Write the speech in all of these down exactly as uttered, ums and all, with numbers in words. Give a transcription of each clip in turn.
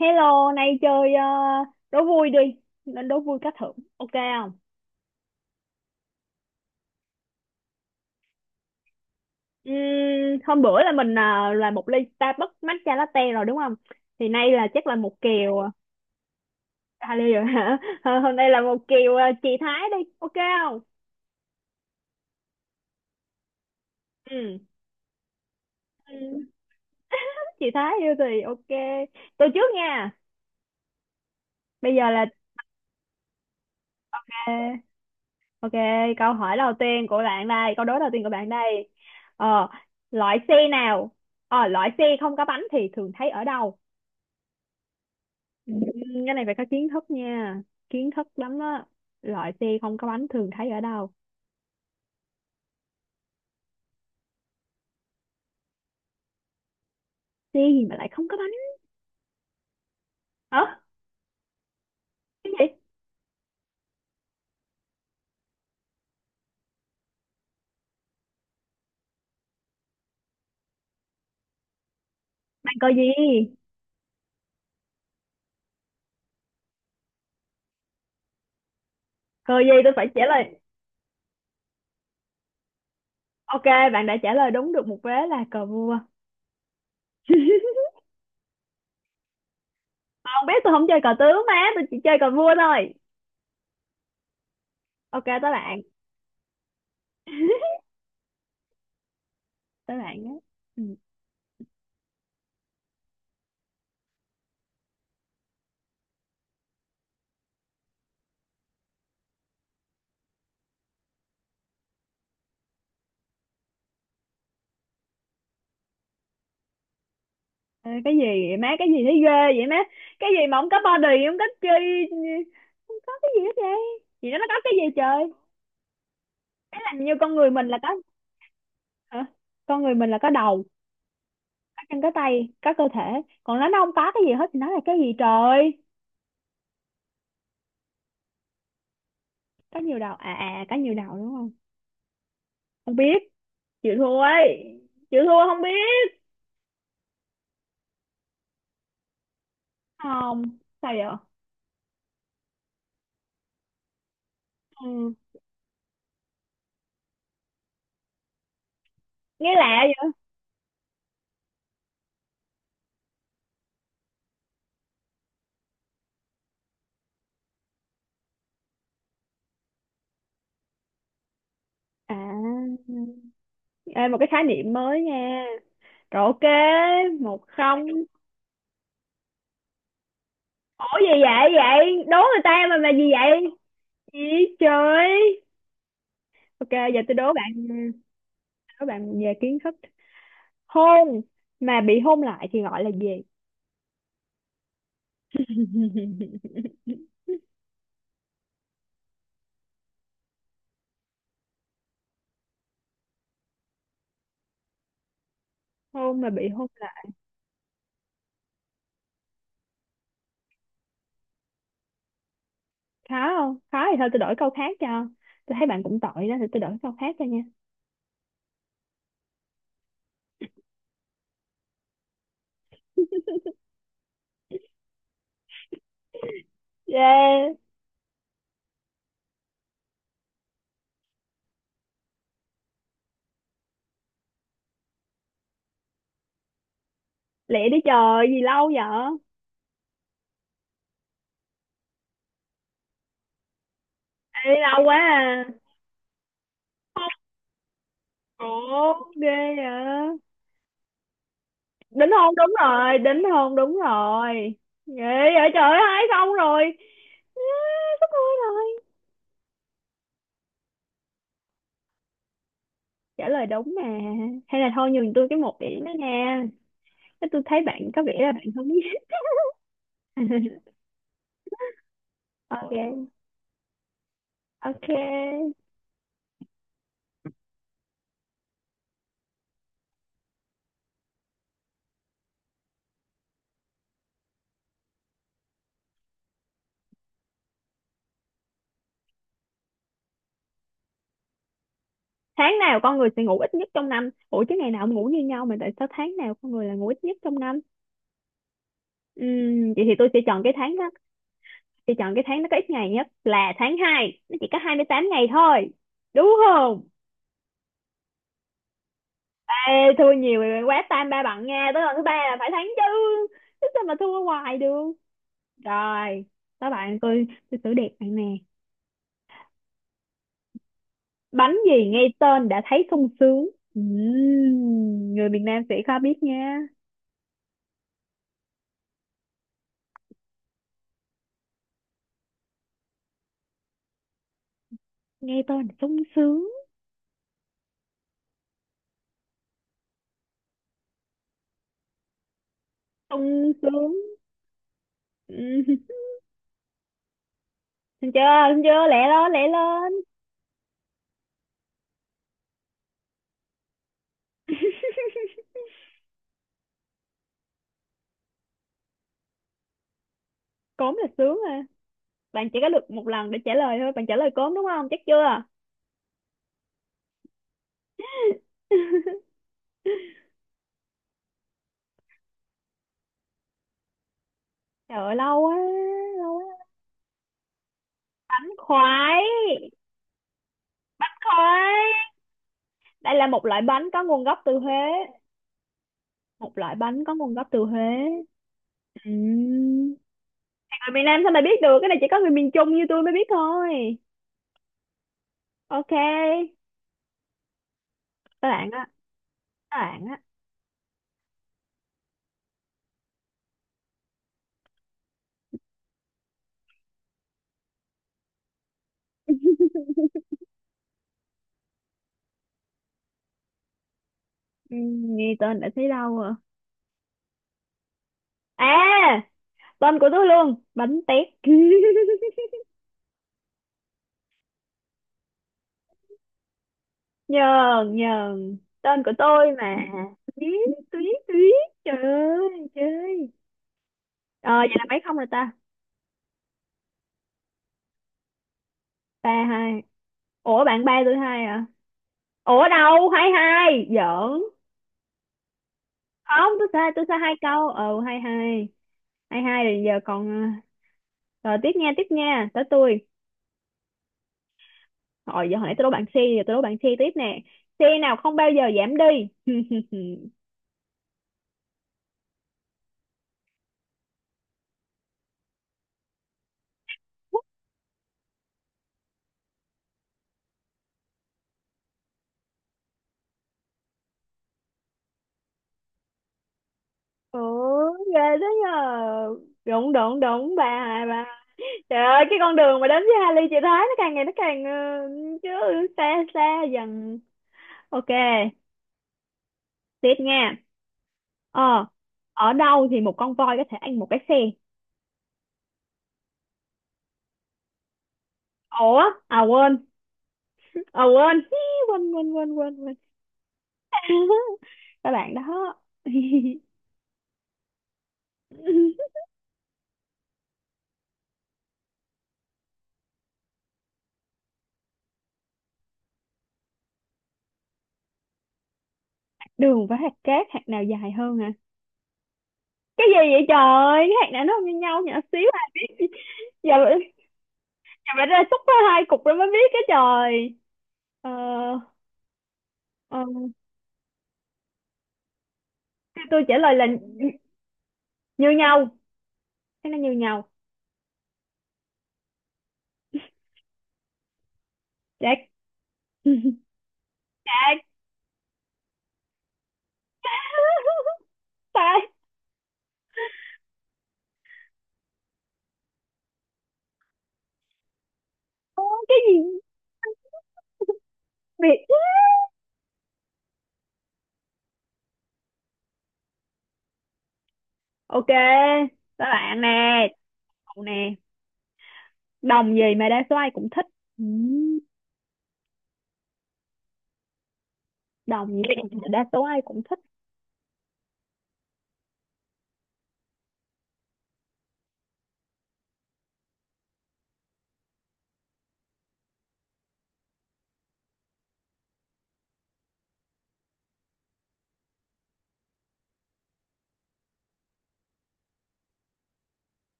Hello, nay chơi ờ, đố vui đi, nên đố vui cá thưởng, ok không? Ừm, Hôm bữa là mình ờ, là một ly Starbucks matcha latte rồi đúng không? Thì nay là chắc là một kèo ờ, à, ly rồi hả? Ờ, Hôm nay là một kèo ờ, chị Thái đi, ok không? Ừ. Ừ, chị Thái yêu thì ok. Tôi trước nha. Bây giờ là ok, câu hỏi đầu tiên của bạn đây, câu đố đầu tiên của bạn đây. Ờ, Loại xe nào? Ờ, loại xe không có bánh thì thường thấy ở đâu? Ừ, cái này phải có kiến thức nha, kiến thức lắm á. Loại xe không có bánh thường thấy ở đâu? Xe gì mà lại không có bánh? Hả? Cái gì? Bạn cờ gì? Cờ gì tôi phải trả lời? Ok, bạn đã trả lời đúng được một vế là cờ vua. Không biết, tôi không chơi cờ tướng, má tôi chỉ chơi cờ vua thôi. Ok, tới bạn. Tới bạn á. Ừ. Ê, cái gì vậy má? Cái gì thấy ghê vậy má? Cái gì mà không có body, không có chi, không có cái gì hết vậy? Vậy nó có cái gì trời? Cái làm như con người mình là có? Hả? Con người mình là có đầu, anh có tay, có cơ thể, còn nó nó không có cái gì hết thì nó là cái gì trời? Có nhiều đầu à? À có nhiều đầu đúng không? Không biết. Chịu thua ấy. Chịu thua không biết. Không. Sao vậy? Ừ. Nghe lạ vậy à. Ê, một cái khái niệm mới nha. Rồi ok. Một không. Ủa gì vậy? Vậy đố người ta mà mà gì vậy? Gì trời. Ok, giờ tôi đố bạn nha. Đố bạn về kiến thức. Hôn mà bị hôn lại thì gọi là gì? Không mà bị hôn lại. Khó không? Khó thì thôi tôi đổi câu khác cho. Tôi thấy bạn cũng tội đó thì tôi đổi câu khác cho nha. Yeah. Lẹ đi trời gì lâu vậy? Ê, lâu quá à. Ủa ghê vậy. Đính hôn đúng rồi, đính hôn đúng rồi. Ghê vậy trời ơi, hai xong rồi. À, sắp hôn rồi. Trả lời đúng mà. Hay là thôi nhường tôi cái một điểm đó nha. Thế, tôi thấy bạn có vẻ là bạn không biết. Ok, ok. Tháng nào con người sẽ ngủ ít nhất trong năm? Ủa chứ ngày nào cũng ngủ như nhau mà tại sao tháng nào con người là ngủ ít nhất trong năm? Ừm, vậy thì tôi sẽ chọn cái tháng đó. Thì chọn cái tháng nó có ít ngày nhất là tháng hai, nó chỉ có hai mươi tám ngày thôi, đúng không? Ê, thua nhiều rồi, quá tam ba bằng nha, tới lần thứ ba là phải thắng chứ. Chứ sao mà thua hoài được. Rồi. Các bạn, tôi tôi xử đẹp bạn nè. Bánh gì nghe tên đã thấy sung sướng? Ừm, Người miền Nam sẽ khó biết nha. Nghe tên là sung sướng. Sung sướng. Ừ. Thấy chưa? Thấy chưa, lẹ lên, lẹ lên. Cốm là sướng à? Bạn chỉ có được một lần để trả lời thôi, bạn trả lời cốm đúng không? Chắc chưa? Trời ơi, lâu quá, lâu quá. Bánh khoái. Khoái. Đây là một loại bánh có nguồn gốc từ Huế. Một loại bánh có nguồn gốc từ Huế. Ừm. Người miền Nam sao mày biết được cái này, chỉ có người miền Trung như tôi mới biết thôi. Ok. Các bạn á. Các bạn á. Ừm, nghe tên đã thấy đâu à. À, tên của tôi luôn, bánh tét. Nhờn, Nhờn, tên của tôi mà. Tuyết. Tuyết. Tuyết. Trời ơi chơi ờ vậy là mấy không rồi ta? Ba hai. Ủa bạn ba tôi hai à? Ủa đâu, hai hai giỡn. Không, tôi sai, tôi sai hai câu. Ờ, hai hai. Hai hai rồi giờ còn ờ, rồi tiếp nha, tiếp nha, tới tôi. Rồi giờ hồi nãy tôi đố bạn xê, giờ tôi đố bạn xê tiếp nè. xê nào không bao giờ giảm đi? Ủa ghê thế nhờ. Đúng đúng đúng, ba hai ba. Trời ơi, cái con đường mà đến với Hà Ly, chị thấy nó càng ngày nó càng ờ, chứ xa, xa dần. Ok, tiếp nha. Ờ, Ở đâu thì một con voi có thể ăn một cái xe? Ủa, à quên, à quên, Hí, quên quên quên quên quên. Các bạn đó. Đường với hạt cát, hạt nào dài hơn hả? Cái gì vậy trời? Cái hạt nào nó không như nhau nhỏ xíu ai biết. Giờ, giờ phải ra xúc ra hai cục rồi mới biết cái trời. Ờ, ờ, tôi trả lời là như nhau. Thế nó như nhau. Chết. Chết ta. Cái gì? Việt. Ok, các bạn nè. Cậu nè, đồng gì mà đa số ai cũng thích? Ừ, đồng gì mà đa số ai cũng thích?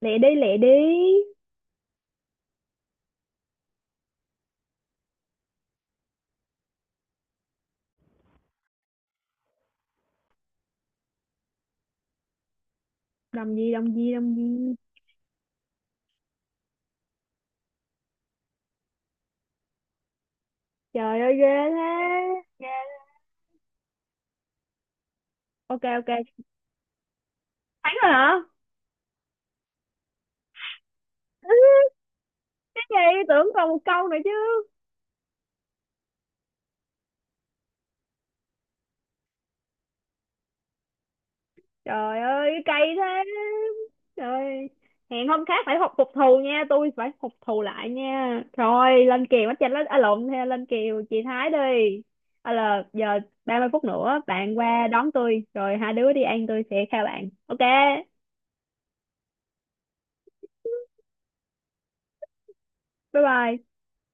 Lẹ đi, lẹ đi. Đồng gì? Đồng gì? Đồng gì? Trời ơi ghê. Thế ok, ok. Thắng rồi hả? Cái gì, tưởng còn một câu nữa chứ. Trời ơi, cái cây thế. Trời, hẹn hôm khác phải học phục thù nha, tôi phải phục thù lại nha. Rồi, lên kèo bắt chanh lên à, lộn theo lên kèo chị Thái đi. À là giờ ba mươi phút nữa bạn qua đón tôi rồi hai đứa đi ăn tôi sẽ khao bạn. Ok. Bye bye.